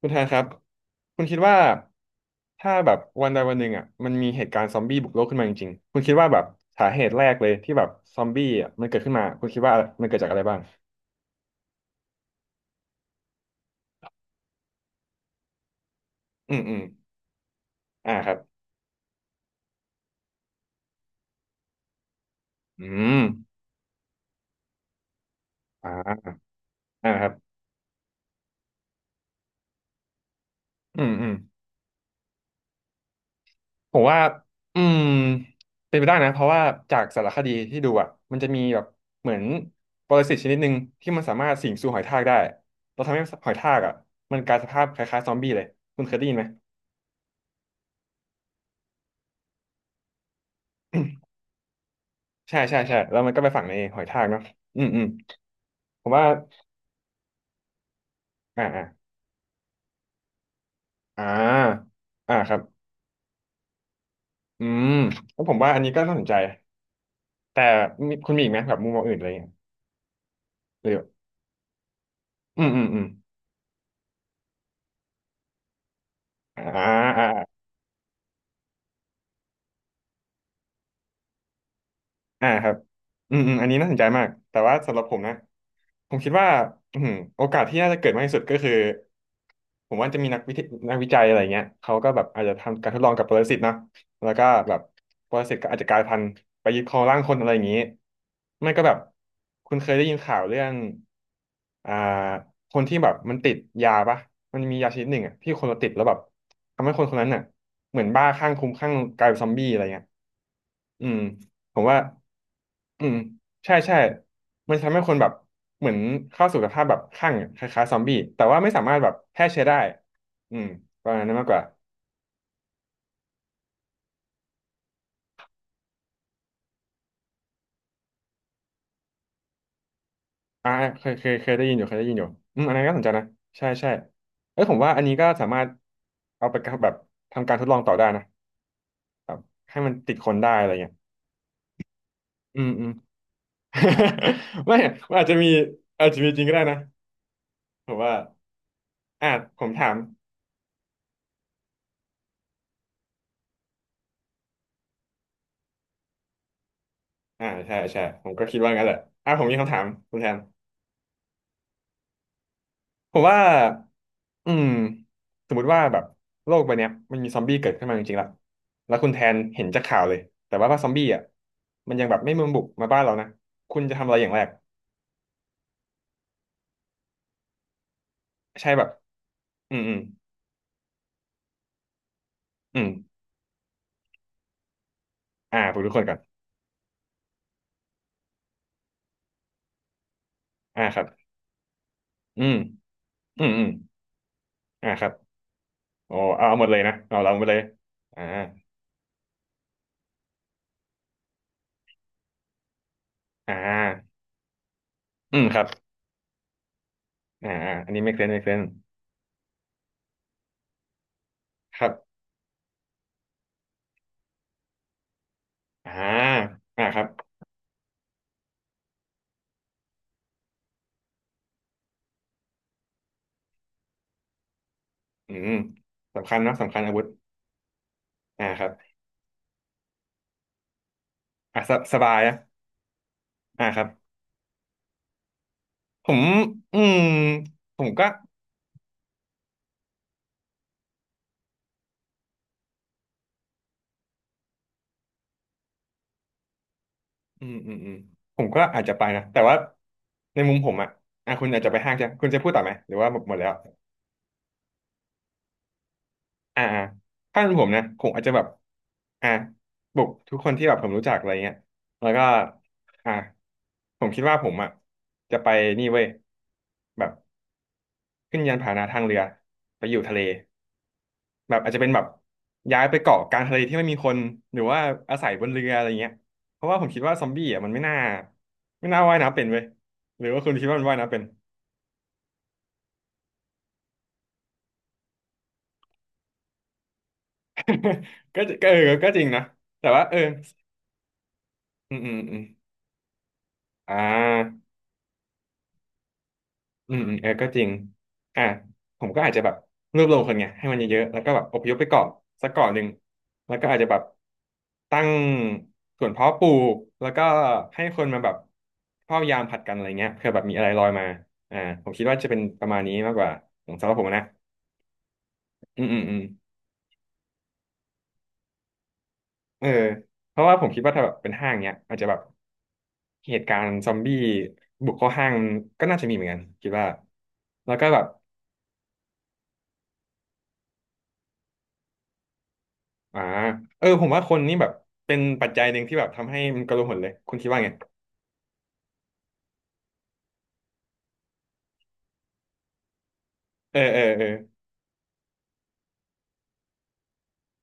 คุณแทนครับคุณคิดว่าถ้าแบบวันใดวันหนึ่งอ่ะมันมีเหตุการณ์ซอมบี้บุกโลกขึ้นมาจริงๆคุณคิดว่าแบบสาเหตุแรกเลยที่แบบซอมบี้อ่ะมันเกิดขึ้นมาคุณคิดว่ามันเกิดจากอะไรบ้างอืมอืมอ่าครับอืมอ่าอ่าครับอืมอืมผมว่าอืมเป็นไปได้นะเพราะว่าจากสารคดีที่ดูอ่ะมันจะมีแบบเหมือนปรสิตชนิดหนึ่งที่มันสามารถสิงสู่หอยทากได้เราทำให้หอยทากอ่ะมันกลายสภาพคล้ายๆซอมบี้เลยคุณเคยได้ยินไหม ใช่ใช่ใช่แล้วมันก็ไปฝังในหอยทากเนาะอืมอืมผมว่าอ่าอ่าอ่าอ่าครับอืมแล้วผมว่าอันนี้ก็น่าสนใจแต่มีคุณมีอีกไหมแบบมุมมองอื่นอะไรอย่างเงี้ยหรืออืมอืมอืมอ่าอ่า อ่าครับอืมอืมอันนี้น่าสนใจมากแต่ว่าสำหรับผมนะผมคิดว่าอืมโอกาสที่น่าจะเกิดมากที่สุดก็คือผมว่าจะมีนักวิจัยอะไรเงี้ยเขาก็แบบอาจจะทำการทดลองกับปรสิตเนาะแล้วก็แบบปรสิตก็อาจจะกลายพันธุ์ไปยึดครองร่างคนอะไรอย่างนี้ไม่ก็แบบคุณเคยได้ยินข่าวเรื่องอ่าคนที่แบบมันติดยาปะมันมียาชนิดหนึ่งอ่ะที่คนเราติดแล้วแบบทำให้คนคนนั้นน่ะเหมือนบ้าข้างคุ้มข้างกลายเป็นซอมบี้อะไรเงี้ยอืมผมว่า อืมใช่ใช่มันทำให้คนแบบเหมือนเข้าสู่สภาพแบบคลั่งคล้ายๆซอมบี้แต่ว่าไม่สามารถแบบแพร่เชื้อได้อืมประมาณนั้นมากกว่าอ่าเคยได้ยินอยู่เคยได้ยินอยู่อืมอันนั้นก็สนใจนะใช่ใช่เอ้ยผมว่าอันนี้ก็สามารถเอาไปกับแบบทำการทดลองต่อได้นะแบบให้มันติดคนได้อะไรเงี้ยอืมอืม ไม่มันอาจจะมีอาจจะมีจริงก็ได้นะผมว่าอ่าผมถามอ่าใช่ใช่ผมก็คิดว่างั้นแหละอ่าผมมีคำถามคุณแทน ผมว่าอืมสมมุติว่าแบบโลกใบเนี้ยมันมีซอมบี้เกิดขึ้นมาจริงๆละแล้วคุณแทนเห็นจากข่าวเลยแต่ว่าซอมบี้อ่ะมันยังแบบไม่มาบุกมาบ้านเรานะคุณจะทำอะไรอย่างแรกใช่แบบอืมอืมอืมอ่าผมทุกคนก่อนอ่าครับอืมอืมอืมอ่าครับโอ้เอาหมดเลยนะเอาเราหมดเลยอ่าอ่าอืมครับอ่าอ่าอันนี้ไม่เคลื่อนครับอ่าอ่าครับอืมสำคัญเนอะสำคัญอาวุธอ่าครับอ่ะสสบายนะอ่าครับ ผมอืมผมก็อืมอืมอืมผมก็อาจจะไปนะ แต่ว่าในมุมผมอ่ะอ่ะคุณอาจจะไปห้างใช่ไหมคุณจะพูดต่อไหม หรือว่าหมดแล้วอ่าอ่าถ้าเป็นผมนะผมอาจจะแบบอ่ะบุกทุกคนที่แบบผมรู้จักอะไรเงี้ยแล้วก็อ่ะผมคิดว่าผมอ่ะจะไปนี่เว้ยแบบขึ้นยานพาหนะทางเรือไปอยู่ทะเล แบบอาจจะเป็นแบบย้ายไปเกาะกลางทะเลที่ไม่มีคนหรือว่าอาศัยบนเรืออะไรเงี้ยเพราะว่าผมคิดว่าซอมบี้อ่ะมันไม่น่าว่ายน้ำเป็นเว้ยหรือว่าคุณคิดว่ามันว่ายน้ำเป็น ก็เออก็จริงนะแต่ว่าเอออืมอืมอืมอ่า อืมอืมเออก็จริงอ่ะผมก็อาจจะแบบรวบรวมคนไงให้มันเยอะๆแล้วก็แบบอพยพไปเกาะสักเกาะหนึ่งแล้วก็อาจจะแบบตั้งสวนเพาะปลูกแล้วก็ให้คนมาแบบเฝ้ายามผลัดกันอะไรเงี้ยเผื่อแบบมีอะไรลอยมาอ่าผมคิดว่าจะเป็นประมาณนี้มากกว่าของสำหรับผมนะอืมอืมอืมเออเพราะว่าผมคิดว่าถ้าแบบเป็นห้างเนี้ยอาจจะแบบเหตุการณ์ซอมบี้บุกเข้าห้างก็น่าจะมีเหมือนกันคิดว่าแล้วก็แบบ อ่าเออผมว่าคนนี่แบบเป็นปัจจัยหนึ่งที่แบบทำให้มันกระโลหนเลยคุณคิดว่าไงเออเออเออ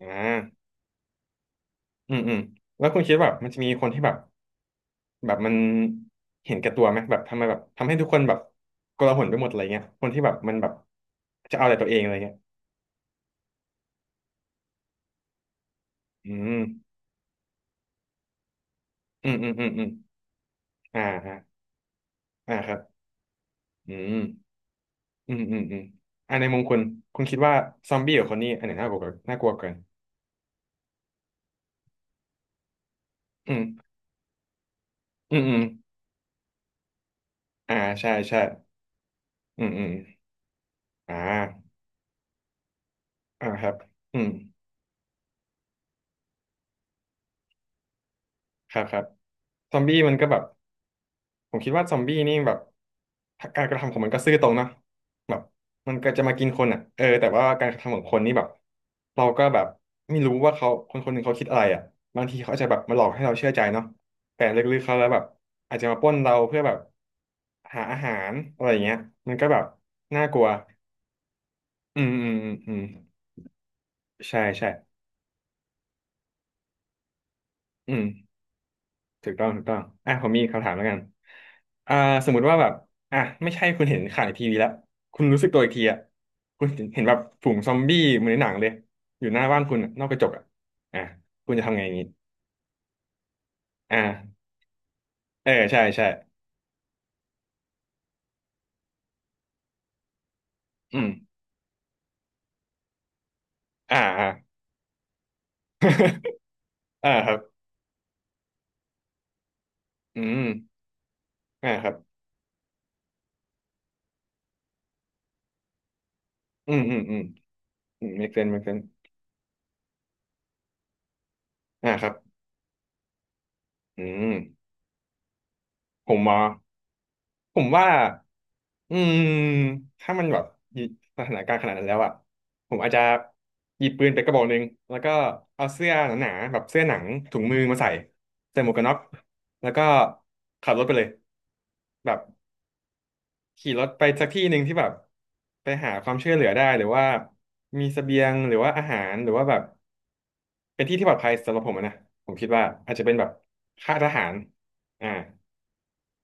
อ่าอืมอืมแล้วคุณคิดว่าแบบมันจะมีคนที่แบบแบบมันเห็นแก่ตัวไหมแบบทำไมแบบทำให้ทุกคนแบบโกระหลนไปหมดอะไรเงี้ยคนที่แบบมันแบบจะเอาแต่ตัวเองอะไรเงี้ยอืมอืมอืมอืมอืมอ่าฮะอ่าครับอืมอืมอืมอืมอ่าในมุมคุณคุณคิดว่าซอมบี้กับคนนี้อันไหนน่ากลัวกว่ากันอืมอืมอืมอ่าใช่ใช่อืมอืมอ่า อ่าครับอืมครับครับซอมบี้มันก็แบบผมคิดว่าซอมบี้นี่แบบการกระทำของมันก็ซื่อตรงเนอะแบบมันก็จะมากินคนอ่ะเออแต่ว่าการกระทำของคนนี่แบบเราก็แบบไม่รู้ว่าเขาคนคนหนึ่งเขาคิดอะไรอ่ะบางทีเขาอาจจะแบบมาหลอกให้เราเชื่อใจเนาะแต่ลึกๆเขาแล้วแบบอาจจะมาปล้นเราเพื่อแบบหาอาหารอะไรอย่างเงี้ยมันก็แบบน่ากลัวอืมอืมอืมอืมใช่ใช่อืม ถูกต้องถูกต้องอ่ะผมมีคำถามแล้วกันอ่าสมมุติว่าแบบอ่ะไม่ใช่คุณเห็นข่าวในทีวีแล้วคุณรู้สึกตัวอีกทีอ่ะคุณเห็นแบบฝูงซอมบี้เหมือนในหนังเลยอยู่หน้าบ้านคุณอะนอกกระจกอ่ะอ่ะคุณจะทำไงอย่างงี้อ่าเออใช่ใช่อืมอ่าอ่า อ่าครับอืมอ่าครับอืมอืมอืมอืม make sense make sense อ่าครับอืมผมหมอ ผมว่าอืมถ้ามันแบบอยู่สถานการณ์ขนาดนั้นแล้วอะผมอาจจะหยิบปืนไปกระบอกหนึ่งแล้วก็เอาเสื้อหนาๆแบบเสื้อหนังถุงมือมาใส่ใส่หมวกกันน็อกแล้วก็ขับรถไปเลยแบบขี่รถไปสักที่หนึ่งที่แบบไปหาความช่วยเหลือได้หรือว่ามีเสบียงหรือว่าอาหารหรือว่าแบบเป็นที่ที่ปลอดภัยสำหรับผมอะนะผมคิดว่าอาจจะเป็นแบบค่ายทหารอ่า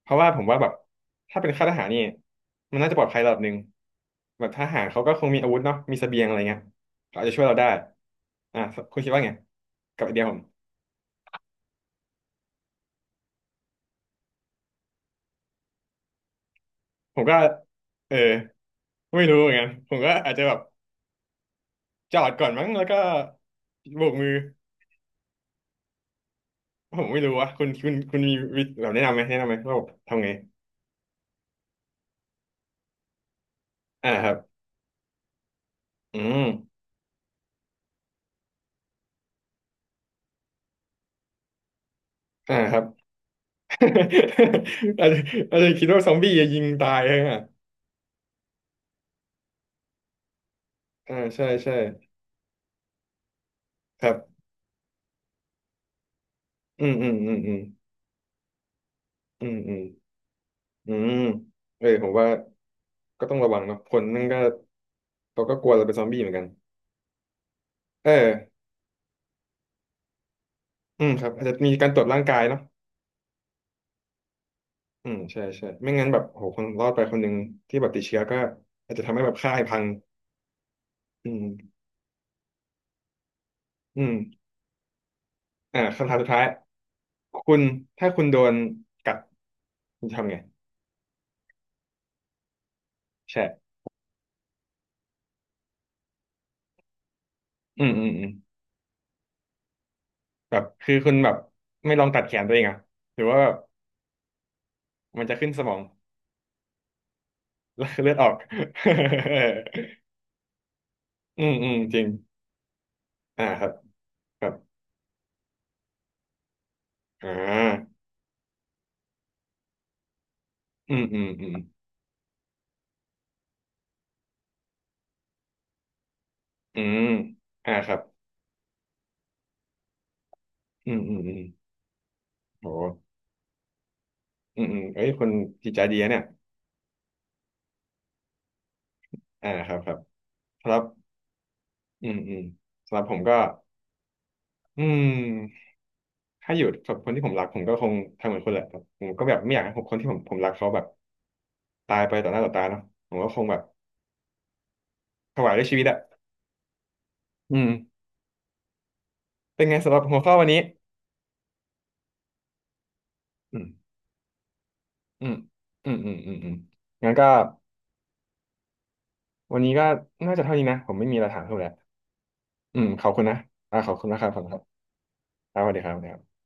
เพราะว่าผมว่าแบบถ้าเป็นค่ายทหารนี่มันน่าจะปลอดภัยระดับหนึ่งแบบทหารเขาก็คงมีอาวุธเนาะมีเสบียงอะไรเงี้ยเขาอาจจะช่วยเราได้อ่ะคุณคิดว่าไงกับไอเดียผมผมก็เออไม่รู้เหมือนกันผมก็อาจจะแบบจอดก่อนมั้งแล้วก็โบกมือผมไม่รู้วะคุณมีวิธีแบบแนะนำไหมว่าผมทำไงอ่าครับอืมอ่าครับ อาจจะอาจจะคิดว่าซอมบี้จะยิงตายใช่ไหมอ่าใช่ใช่ครับอืมอืมอืมอืม อืมอืมอืมเออผมว่าก็ต้องระวังเนาะคนนั่นก็เขาก็กลัวจะเป็นซอมบี้เหมือนกันเอออืมครับอาจจะมีการตรวจร่างกายเนาะอืมใช่ใช่ไม่งั้นแบบโหคนรอดไปคนหนึ่งที่แบบติดเชื้อก็อาจจะทำให้แบบค่ายพังอืมอืมอ่าคำถามสุดท้ายคุณถ้าคุณโดนกัดคุณจะทำไงใช่อืมอืมอืมแบบคือคุณแบบไม่ลองตัดแขนตัวเองอะหรือว่าแบบมันจะขึ้นสมองแล้วเลือดออก อืมอืมจริง อ่าครับครับอ่าอืมอืมอืมอืมอ่าครับอืมอืมอืมโหอืมอืมเอ้ยคนจิตใจดีนะเนี่ยอ่าครับครับครับอืมอืมสำหรับผมก็อืมถ้าอยู่กับคนที่ผมรักผมก็คงทำเหมือนคนแหละครับผมก็แบบไม่อยากให้คนที่ผมรักเขาแบบตายไปต่อหน้าต่อตาเนาะผมก็คงแบบถวายด้วยชีวิตอะอืมเป็นไงสำหรับหัวข้อวันนี้อืมอืมอืมอืมอืมอืมงั้นก็วันนี้ก็น่าจะเท่านี้นะผมไม่มีอะไรถามเพิ่มแล้ว อืมขอบคุณนะอ่าขอบคุณนะครับขอบคุณครับครับสวัสดีครับสวัสดีครับ